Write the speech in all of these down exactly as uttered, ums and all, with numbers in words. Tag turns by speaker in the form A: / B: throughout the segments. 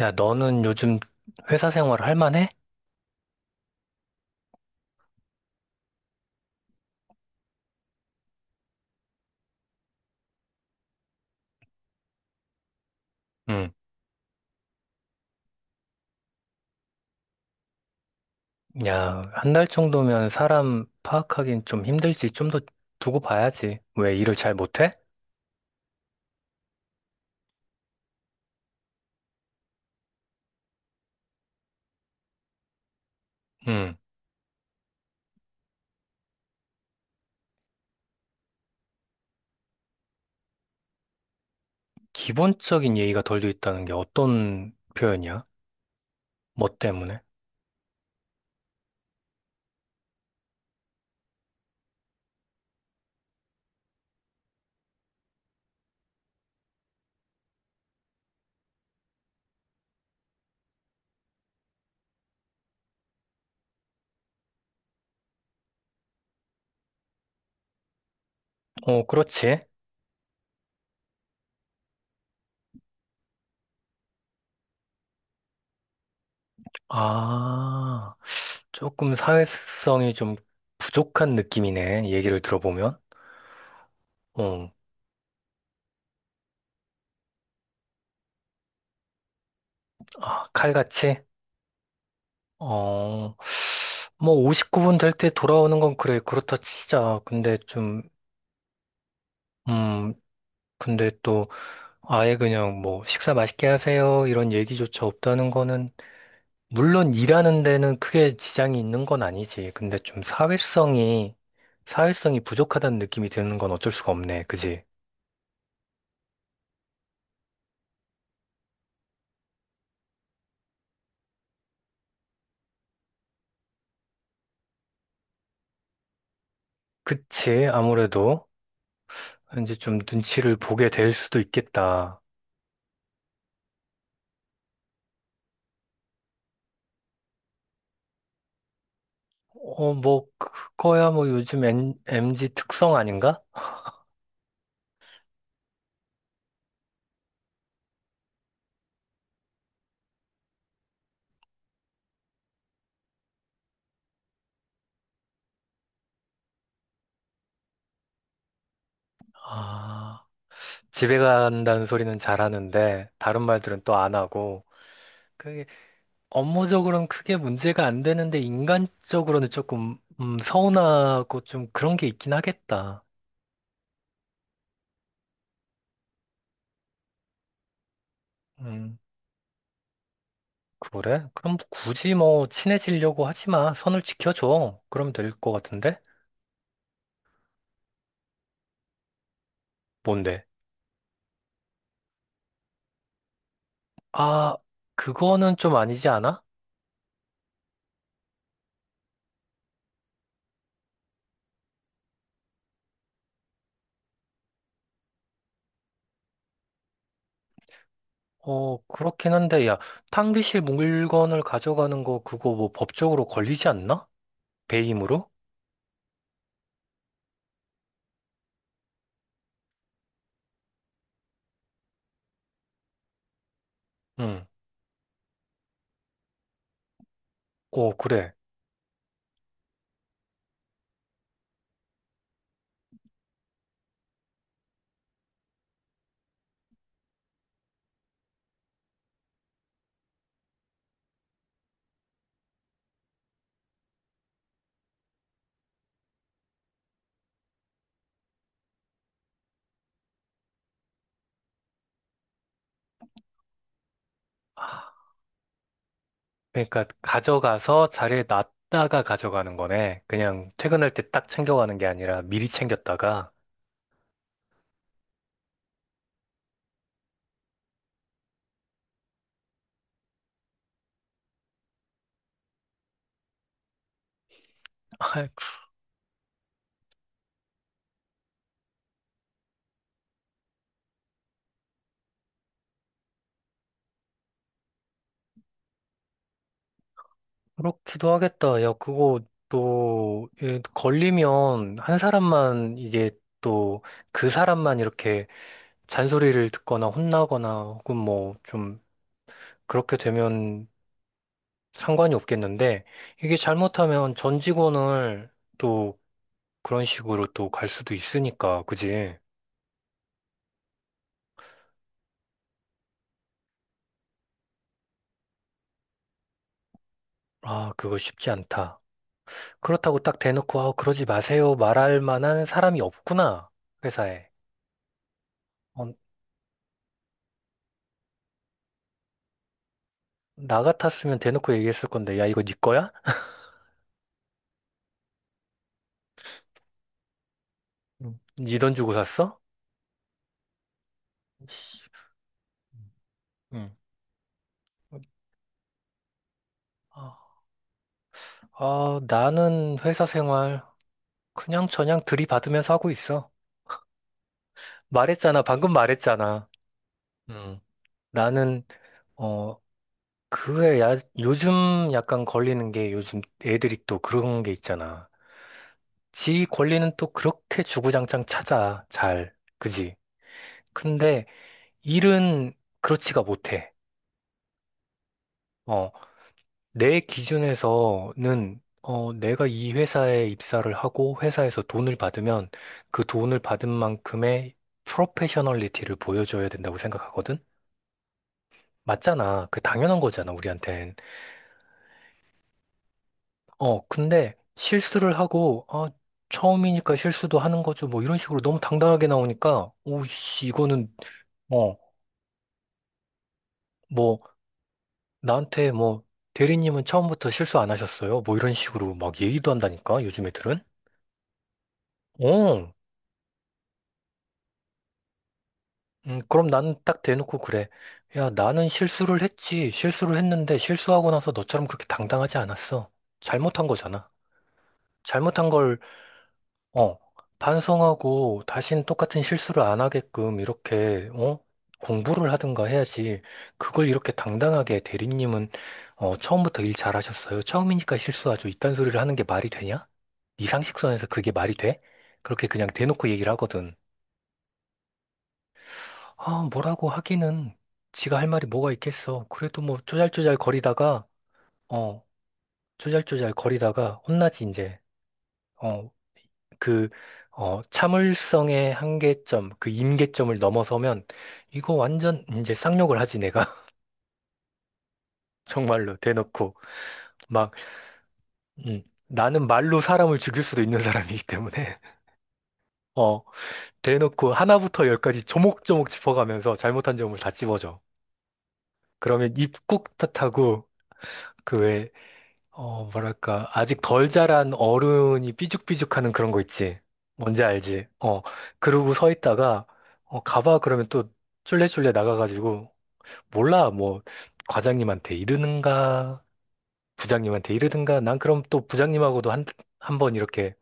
A: 야, 너는 요즘 회사 생활 할 만해? 응. 야, 한 달 정도면 사람 파악하기는 좀 힘들지. 좀 더 두고 봐야지. 왜 일을 잘 못해? 응. 기본적인 예의가 덜 돼 있다는 게 어떤 표현이야? 뭐 때문에? 어, 그렇지. 아, 조금 사회성이 좀 부족한 느낌이네. 얘기를 들어보면. 어, 아, 칼같이? 어, 뭐 오십구 분 될 때 돌아오는 건 그래. 그렇다 치자. 근데 좀. 음, 근데 또 아예 그냥 뭐 식사 맛있게 하세요 이런 얘기조차 없다는 거는 물론 일하는 데는 크게 지장이 있는 건 아니지. 근데 좀 사회성이 사회성이 부족하다는 느낌이 드는 건 어쩔 수가 없네. 그지? 그치? 아무래도 이제 좀 눈치를 보게 될 수도 있겠다. 어, 뭐 그거야 뭐 요즘 M, m 특성 아닌가? 아, 집에 간다는 소리는 잘하는데 다른 말들은 또 안 하고. 그 업무적으로는 크게 문제가 안 되는데 인간적으로는 조금 음, 서운하고 좀 그런 게 있긴 하겠다. 음, 그래? 그럼 뭐 굳이 뭐 친해지려고 하지 마. 선을 지켜줘. 그럼 될 것 같은데? 뭔데? 아, 그거는 좀 아니지 않아? 어, 그렇긴 한데, 야, 탕비실 물건을 가져가는 거 그거 뭐 법적으로 걸리지 않나? 배임으로? 응. 어, 그래. 아, 그러니까 가져가서 자리에 놨다가 가져가는 거네. 그냥 퇴근할 때 딱 챙겨가는 게 아니라 미리 챙겼다가. 아, 그렇기도 하겠다. 야, 그거 또 예, 걸리면 한 사람만 이게 또 그 사람만 이렇게 잔소리를 듣거나 혼나거나 혹은 뭐 좀 그렇게 되면 상관이 없겠는데 이게 잘못하면 전 직원을 또 그런 식으로 또 갈 수도 있으니까, 그지? 아, 그거 쉽지 않다. 그렇다고 딱 대놓고, 아, 그러지 마세요. 말할 만한 사람이 없구나. 회사에. 어, 나 같았으면 대놓고 얘기했을 건데, 야, 이거 네 거야? 네 돈 주고 샀어? 씨, 음. 아, 아, 나는 회사 생활 그냥저냥 들이받으면서 하고 있어. 말했잖아. 방금 말했잖아. 음. 나는, 어, 그에 야, 요즘 약간 걸리는 게 요즘 애들이 또 그런 게 있잖아. 지 권리는 또 그렇게 주구장창 찾아. 잘. 그지? 근데 일은 그렇지가 못해. 어, 내 기준에서는 어, 내가 이 회사에 입사를 하고 회사에서 돈을 받으면 그 돈을 받은 만큼의 프로페셔널리티를 보여줘야 된다고 생각하거든? 맞잖아. 그 당연한 거잖아, 우리한텐. 어, 근데 실수를 하고, 어, 처음이니까 실수도 하는 거죠. 뭐 이런 식으로 너무 당당하게 나오니까, 오씨, 이거는, 어, 뭐, 나한테 뭐 대리님은 처음부터 실수 안 하셨어요? 뭐 이런 식으로 막 얘기도 한다니까 요즘 애들은. 어, 음, 그럼 나는 딱 대놓고 그래. 야, 나는 실수를 했지. 실수를 했는데 실수하고 나서 너처럼 그렇게 당당하지 않았어. 잘못한 거잖아. 잘못한 걸 어, 반성하고 다시는 똑같은 실수를 안 하게끔 이렇게, 어? 공부를 하든가 해야지. 그걸 이렇게 당당하게 대리님은, 어, 처음부터 일 잘하셨어요. 처음이니까 실수하죠. 이딴 소리를 하는 게 말이 되냐? 이 상식선에서 그게 말이 돼? 그렇게 그냥 대놓고 얘기를 하거든. 아, 뭐라고 하기는 지가 할 말이 뭐가 있겠어. 그래도 뭐 쪼잘쪼잘 거리다가, 어, 쪼잘쪼잘 거리다가 혼나지, 이제. 어, 그, 어, 참을성의 한계점, 그 임계점을 넘어서면 이거 완전 이제 쌍욕을 하지, 내가. 정말로 대놓고. 막, 음, 나는 말로 사람을 죽일 수도 있는 사람이기 때문에, 어, 대놓고 하나부터 열까지 조목조목 짚어가면서 잘못한 점을 다 찝어줘. 그러면 입 꾹 탓하고, 그왜 어, 뭐랄까, 아직 덜 자란 어른이 삐죽삐죽하는 그런 거 있지. 뭔지 알지? 어, 그러고 서 있다가, 어, 가봐 그러면 또 쫄래쫄래 나가가지고, 몰라, 뭐, 과장님한테 이르는가, 부장님한테 이르든가, 난 그럼 또 부장님하고도 한, 한 번 이렇게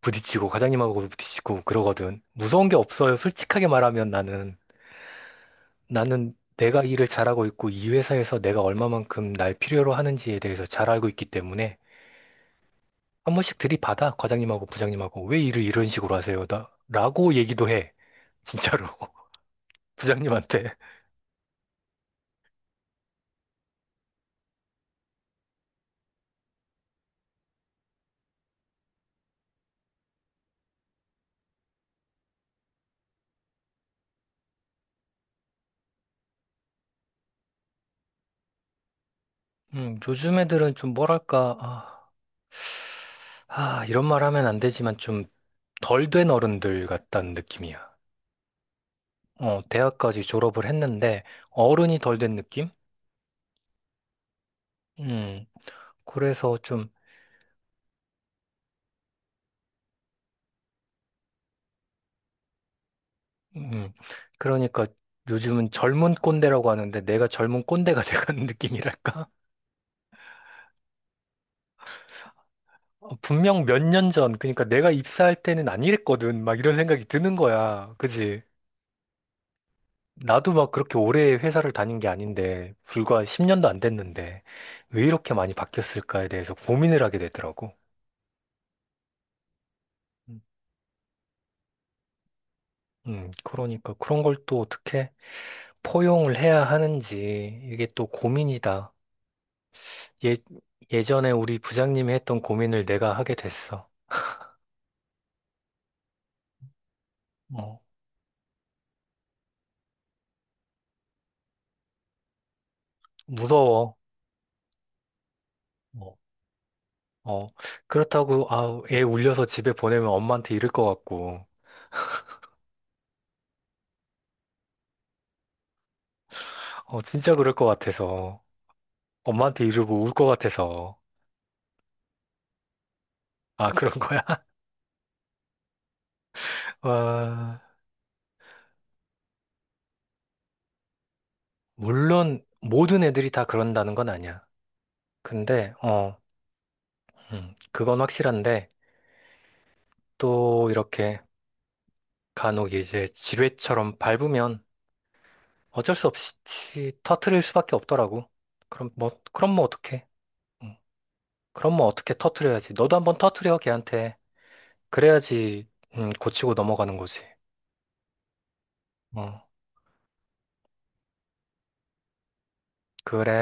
A: 부딪히고, 과장님하고도 부딪히고 그러거든. 무서운 게 없어요. 솔직하게 말하면 나는, 나는 내가 일을 잘하고 있고, 이 회사에서 내가 얼마만큼 날 필요로 하는지에 대해서 잘 알고 있기 때문에, 한 번씩 들이받아, 과장님하고 부장님하고. 왜 일을 이런 식으로 하세요? 나, 라고 얘기도 해. 진짜로. 부장님한테. 음, 요즘 애들은 좀 뭐랄까, 아, 아, 이런 말 하면 안 되지만 좀 덜 된 어른들 같다는 느낌이야. 어, 대학까지 졸업을 했는데 어른이 덜 된 느낌? 음, 그래서 좀, 음, 그러니까 요즘은 젊은 꼰대라고 하는데 내가 젊은 꼰대가 돼가는 느낌이랄까? 어, 분명 몇 년 전, 그러니까 내가 입사할 때는 안 이랬거든. 막 이런 생각이 드는 거야. 그지? 나도 막 그렇게 오래 회사를 다닌 게 아닌데, 불과 십 년도 안 됐는데, 왜 이렇게 많이 바뀌었을까에 대해서 고민을 하게 되더라고. 음, 음, 그러니까 그런 걸 또 어떻게 포용을 해야 하는지, 이게 또 고민이다. 예, 예전에 우리 부장님이 했던 고민을 내가 하게 됐어. 어, 무서워. 어, 어. 그렇다고, 아, 애 울려서 집에 보내면 엄마한테 이를 것 같고. 어, 진짜 그럴 것 같아서. 엄마한테 이러고 울 것 같아서. 아, 그런 거야? 와, 물론 모든 애들이 다 그런다는 건 아니야. 근데, 어, 음, 그건 확실한데, 또 이렇게 간혹 이제 지뢰처럼 밟으면 어쩔 수 없이 터트릴 수밖에 없더라고. 그럼 뭐, 그럼 뭐 어떡해? 음, 그럼 뭐 어떻게 터트려야지. 너도 한번 터트려, 걔한테. 그래야지, 음, 고치고 넘어가는 거지. 어, 그래.